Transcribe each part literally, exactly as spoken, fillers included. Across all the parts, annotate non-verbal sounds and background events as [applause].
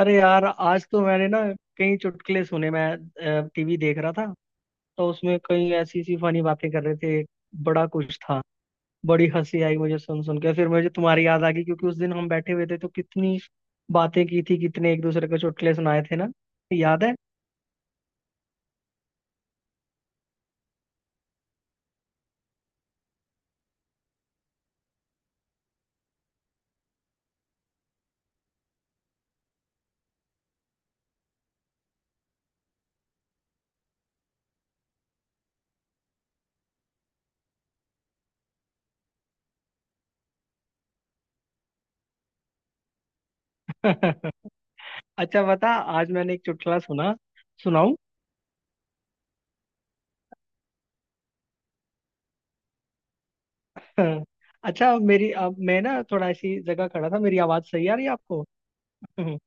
अरे यार, आज तो मैंने ना कई चुटकुले सुने। मैं टीवी देख रहा था तो उसमें कई ऐसी सी फनी बातें कर रहे थे, बड़ा कुछ था। बड़ी हंसी आई मुझे सुन सुन के। फिर मुझे तुम्हारी याद आ गई क्योंकि उस दिन हम बैठे हुए थे तो कितनी बातें की थी, कितने एक दूसरे को चुटकुले सुनाए थे ना, याद है? [laughs] अच्छा बता, आज मैंने एक चुटकुला सुना, सुनाऊं? [laughs] अच्छा मेरी, अब मैं ना थोड़ा ऐसी जगह खड़ा था, मेरी आवाज सही आ रही है आपको? [laughs]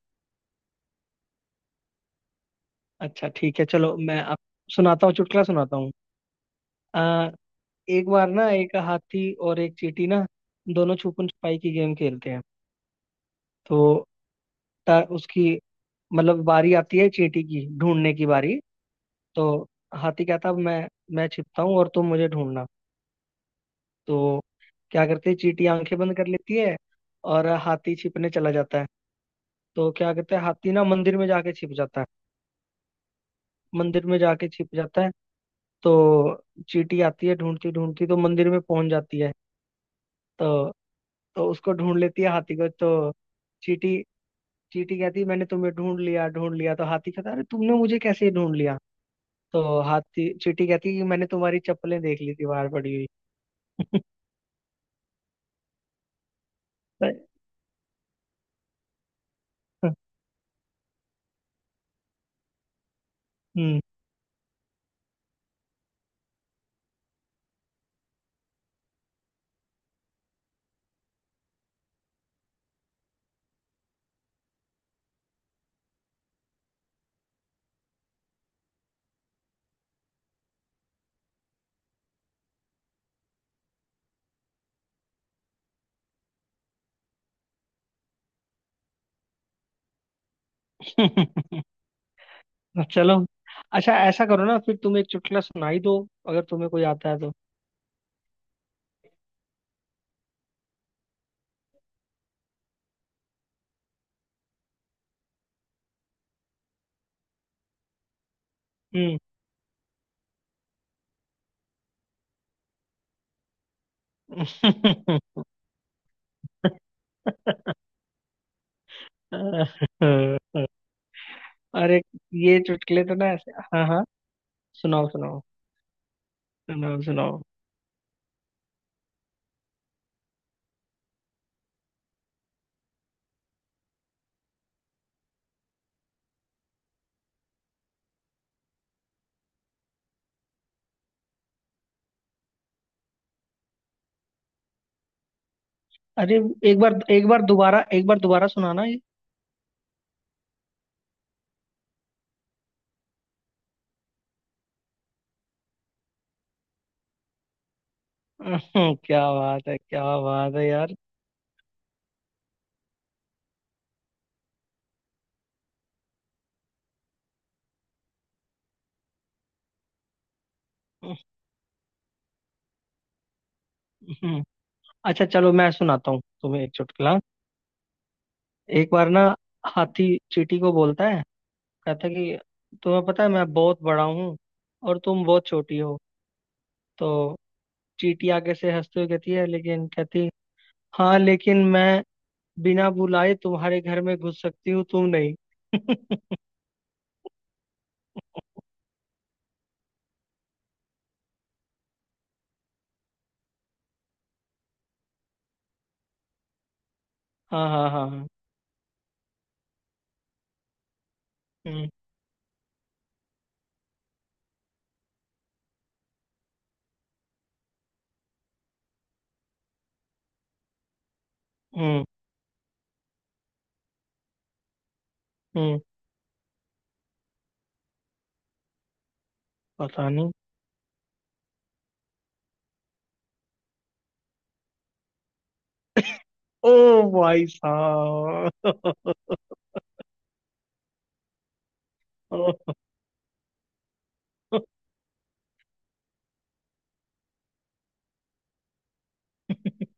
अच्छा ठीक है, चलो मैं अब सुनाता हूँ चुटकुला, सुनाता हूँ। एक बार ना एक हाथी और एक चींटी ना दोनों छुपन छुपाई की गेम खेलते हैं। तो ता, उसकी मतलब बारी आती है, चींटी की ढूंढने की बारी। तो हाथी कहता है मैं मैं छिपता हूँ और तुम मुझे ढूंढना। तो क्या करते हैं, चींटी आंखें बंद कर लेती है और हाथी छिपने चला जाता है। तो क्या करते हैं, हाथी ना मंदिर में जाके छिप जाता है, मंदिर में जाके छिप जाता है। तो चींटी आती है ढूंढती ढूंढती तो मंदिर में पहुंच जाती है। तो तो उसको ढूंढ लेती है, हाथी को। तो चींटी चींटी कहती मैंने तुम्हें ढूंढ लिया, ढूंढ लिया। तो हाथी कहता अरे तुमने मुझे कैसे ढूंढ लिया? तो हाथी चींटी कहती कि मैंने तुम्हारी चप्पलें देख ली थी बाहर पड़ी हुई। [laughs] तो- हम्म। [laughs] चलो अच्छा ऐसा करो ना, फिर तुम एक चुटकुला सुनाई दो, अगर तुम्हें कोई आता है तो। हम्म। [laughs] अरे ये चुटकुले तो ना ऐसे, हाँ हाँ, सुनाओ सुनाओ, सुनाओ सुनाओ। अरे एक बार, एक बार दोबारा एक बार दोबारा सुनाना। [laughs] हम्म, क्या बात है, क्या बात है यार। [laughs] हम्म, अच्छा चलो मैं सुनाता हूँ तुम्हें एक चुटकुला। एक बार ना हाथी चींटी को बोलता है, कहता है कि तुम्हें पता है मैं बहुत बड़ा हूँ और तुम बहुत छोटी हो। तो चींटी आगे से हंसते हुए कहती है, लेकिन कहती हाँ लेकिन मैं बिना बुलाए तुम्हारे घर में घुस सकती हूँ, तुम नहीं। [laughs] हाँ हाँ हाँ हाँ। हम्म हम्म हम्म। पता नहीं। ओ भाई साहब। [laughs]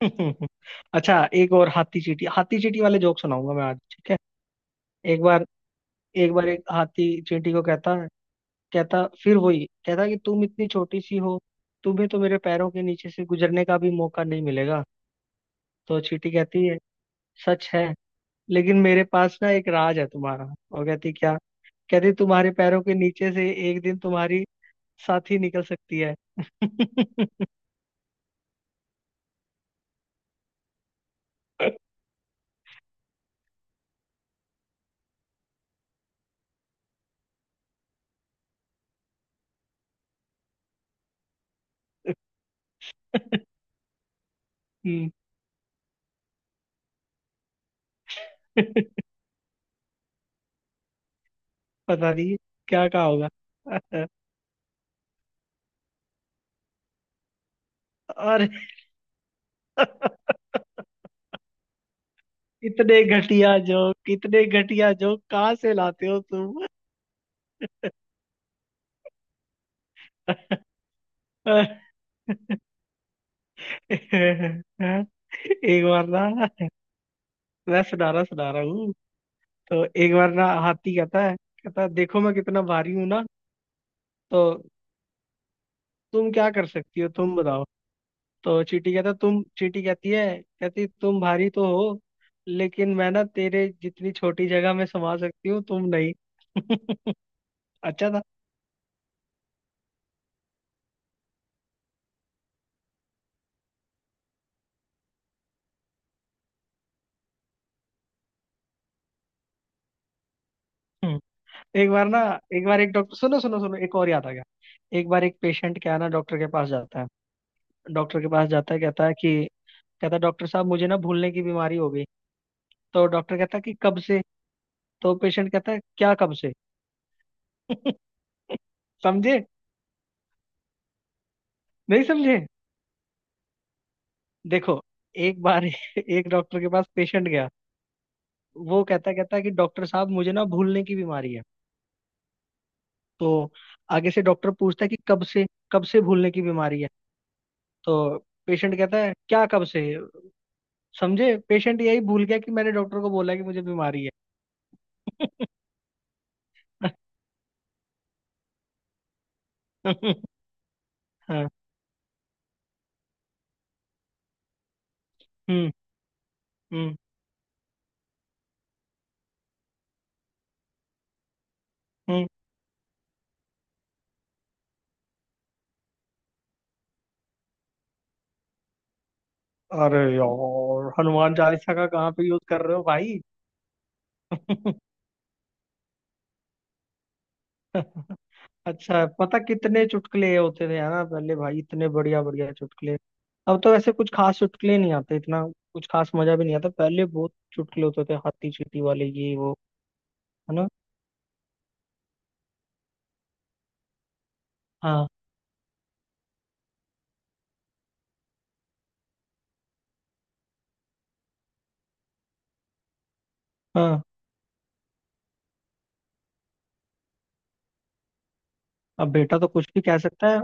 [laughs] अच्छा एक और हाथी चींटी, हाथी चींटी वाले जोक सुनाऊंगा मैं आज, ठीक है? एक बार एक बार एक हाथी चींटी को कहता, कहता फिर वही, कहता कि तुम इतनी छोटी सी हो, तुम्हें तो मेरे पैरों के नीचे से गुजरने का भी मौका नहीं मिलेगा। तो चींटी कहती है सच है, लेकिन मेरे पास ना एक राज है तुम्हारा। और कहती क्या, कहती तुम्हारे पैरों के नीचे से एक दिन तुम्हारी साथी निकल सकती है। [laughs] हम्म, [laughs] पता नहीं क्या कहा होगा। [laughs] और [laughs] इतने घटिया जोक, कितने घटिया जोक कहाँ से लाते हो तुम? [laughs] एक बार ना, मैं सुना रहा सुना रहा हूँ। तो एक बार ना हाथी कहता है, कहता है देखो मैं कितना भारी हूँ ना, तो तुम क्या कर सकती हो तुम बताओ। तो चींटी कहता तुम चींटी कहती है, कहती तुम भारी तो हो, लेकिन मैं ना तेरे जितनी छोटी जगह में समा सकती हूँ, तुम नहीं। [laughs] अच्छा था। एक बार ना, एक बार एक डॉक्टर, सुनो सुनो सुनो, एक और याद आ गया। एक बार एक पेशेंट क्या है ना, डॉक्टर के पास जाता है, डॉक्टर के पास जाता है, कहता है कि, कहता है डॉक्टर साहब मुझे ना भूलने की बीमारी हो गई। तो डॉक्टर कहता है कि कब से? तो पेशेंट कहता है क्या कब से? [laughs] समझे? नहीं समझे? देखो, एक बार [laughs] एक डॉक्टर के पास पेशेंट गया। वो कहता कहता है कि डॉक्टर साहब मुझे ना भूलने की बीमारी है। तो आगे से डॉक्टर पूछता है कि कब से, कब से भूलने की बीमारी है? तो पेशेंट कहता है क्या कब से? समझे, पेशेंट यही भूल गया कि मैंने डॉक्टर को बोला कि मुझे बीमारी है। [laughs] हाँ। हम्म हम्म हम्म। अरे यार हनुमान चालीसा का कहाँ पे यूज कर रहे हो भाई? [laughs] अच्छा पता कितने चुटकुले ये होते थे, है ना, पहले भाई इतने बढ़िया बढ़िया चुटकुले। अब तो वैसे कुछ खास चुटकुले नहीं आते, इतना कुछ खास मजा भी नहीं आता। पहले बहुत चुटकुले होते थे, हाथी चींटी वाले, ये वो, है ना। हाँ हाँ, अब बेटा तो कुछ भी कह सकता है।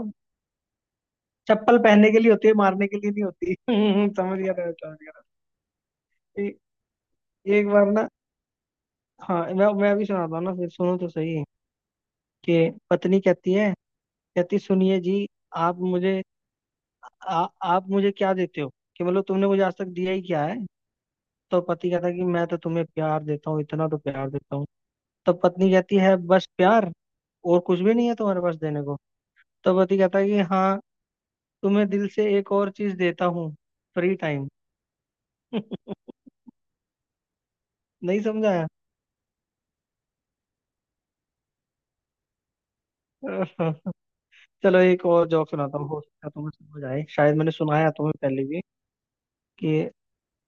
चप्पल पहनने के लिए होती है, मारने के लिए नहीं होती। [laughs] समझ गया था। ए, एक बार ना, हाँ मैं मैं भी सुनाता हूँ ना, फिर सुनो तो सही, कि पत्नी कहती है, कहती सुनिए जी, आप मुझे आ, आप मुझे क्या देते हो कि, मतलब तुमने मुझे आज तक दिया ही क्या है? तो पति कहता है कि मैं तो तुम्हें प्यार देता हूँ, इतना तो प्यार देता हूँ। तो पत्नी कहती है बस प्यार, और कुछ भी नहीं है तुम्हारे पास देने को? तो पति कहता है कि हाँ, तुम्हें दिल से एक और चीज देता हूँ, फ्री टाइम। [laughs] नहीं समझाया? [laughs] चलो एक और जोक सुनाता हूँ, हो सकता है तुम्हें समझ आए, शायद मैंने सुनाया तुम्हें पहले भी कि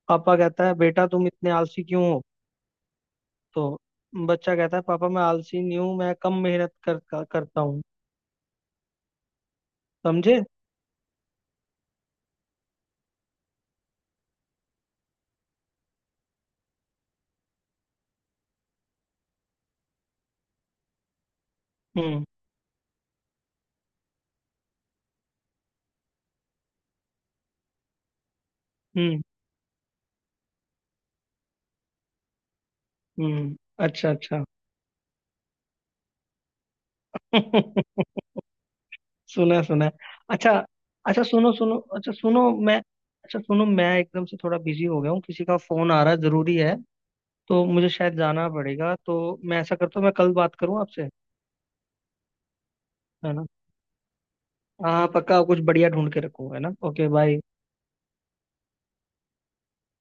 पापा कहता है बेटा तुम इतने आलसी क्यों हो? तो बच्चा कहता है पापा मैं आलसी नहीं हूँ, मैं कम मेहनत कर, कर, करता हूँ। समझे? हम्म हम्म हम्म। अच्छा अच्छा। [laughs] सुना है, सुना है। अच्छा, अच्छा सुनो सुनो अच्छा सुनो मैं अच्छा सुनो, मैं एकदम से थोड़ा बिजी हो गया हूँ, किसी का फोन आ रहा है, जरूरी है। तो मुझे शायद जाना पड़ेगा, तो मैं ऐसा करता हूँ मैं कल बात करूँ आपसे, है ना? हाँ पक्का, कुछ बढ़िया ढूंढ के रखूँ, है ना। Okay bye.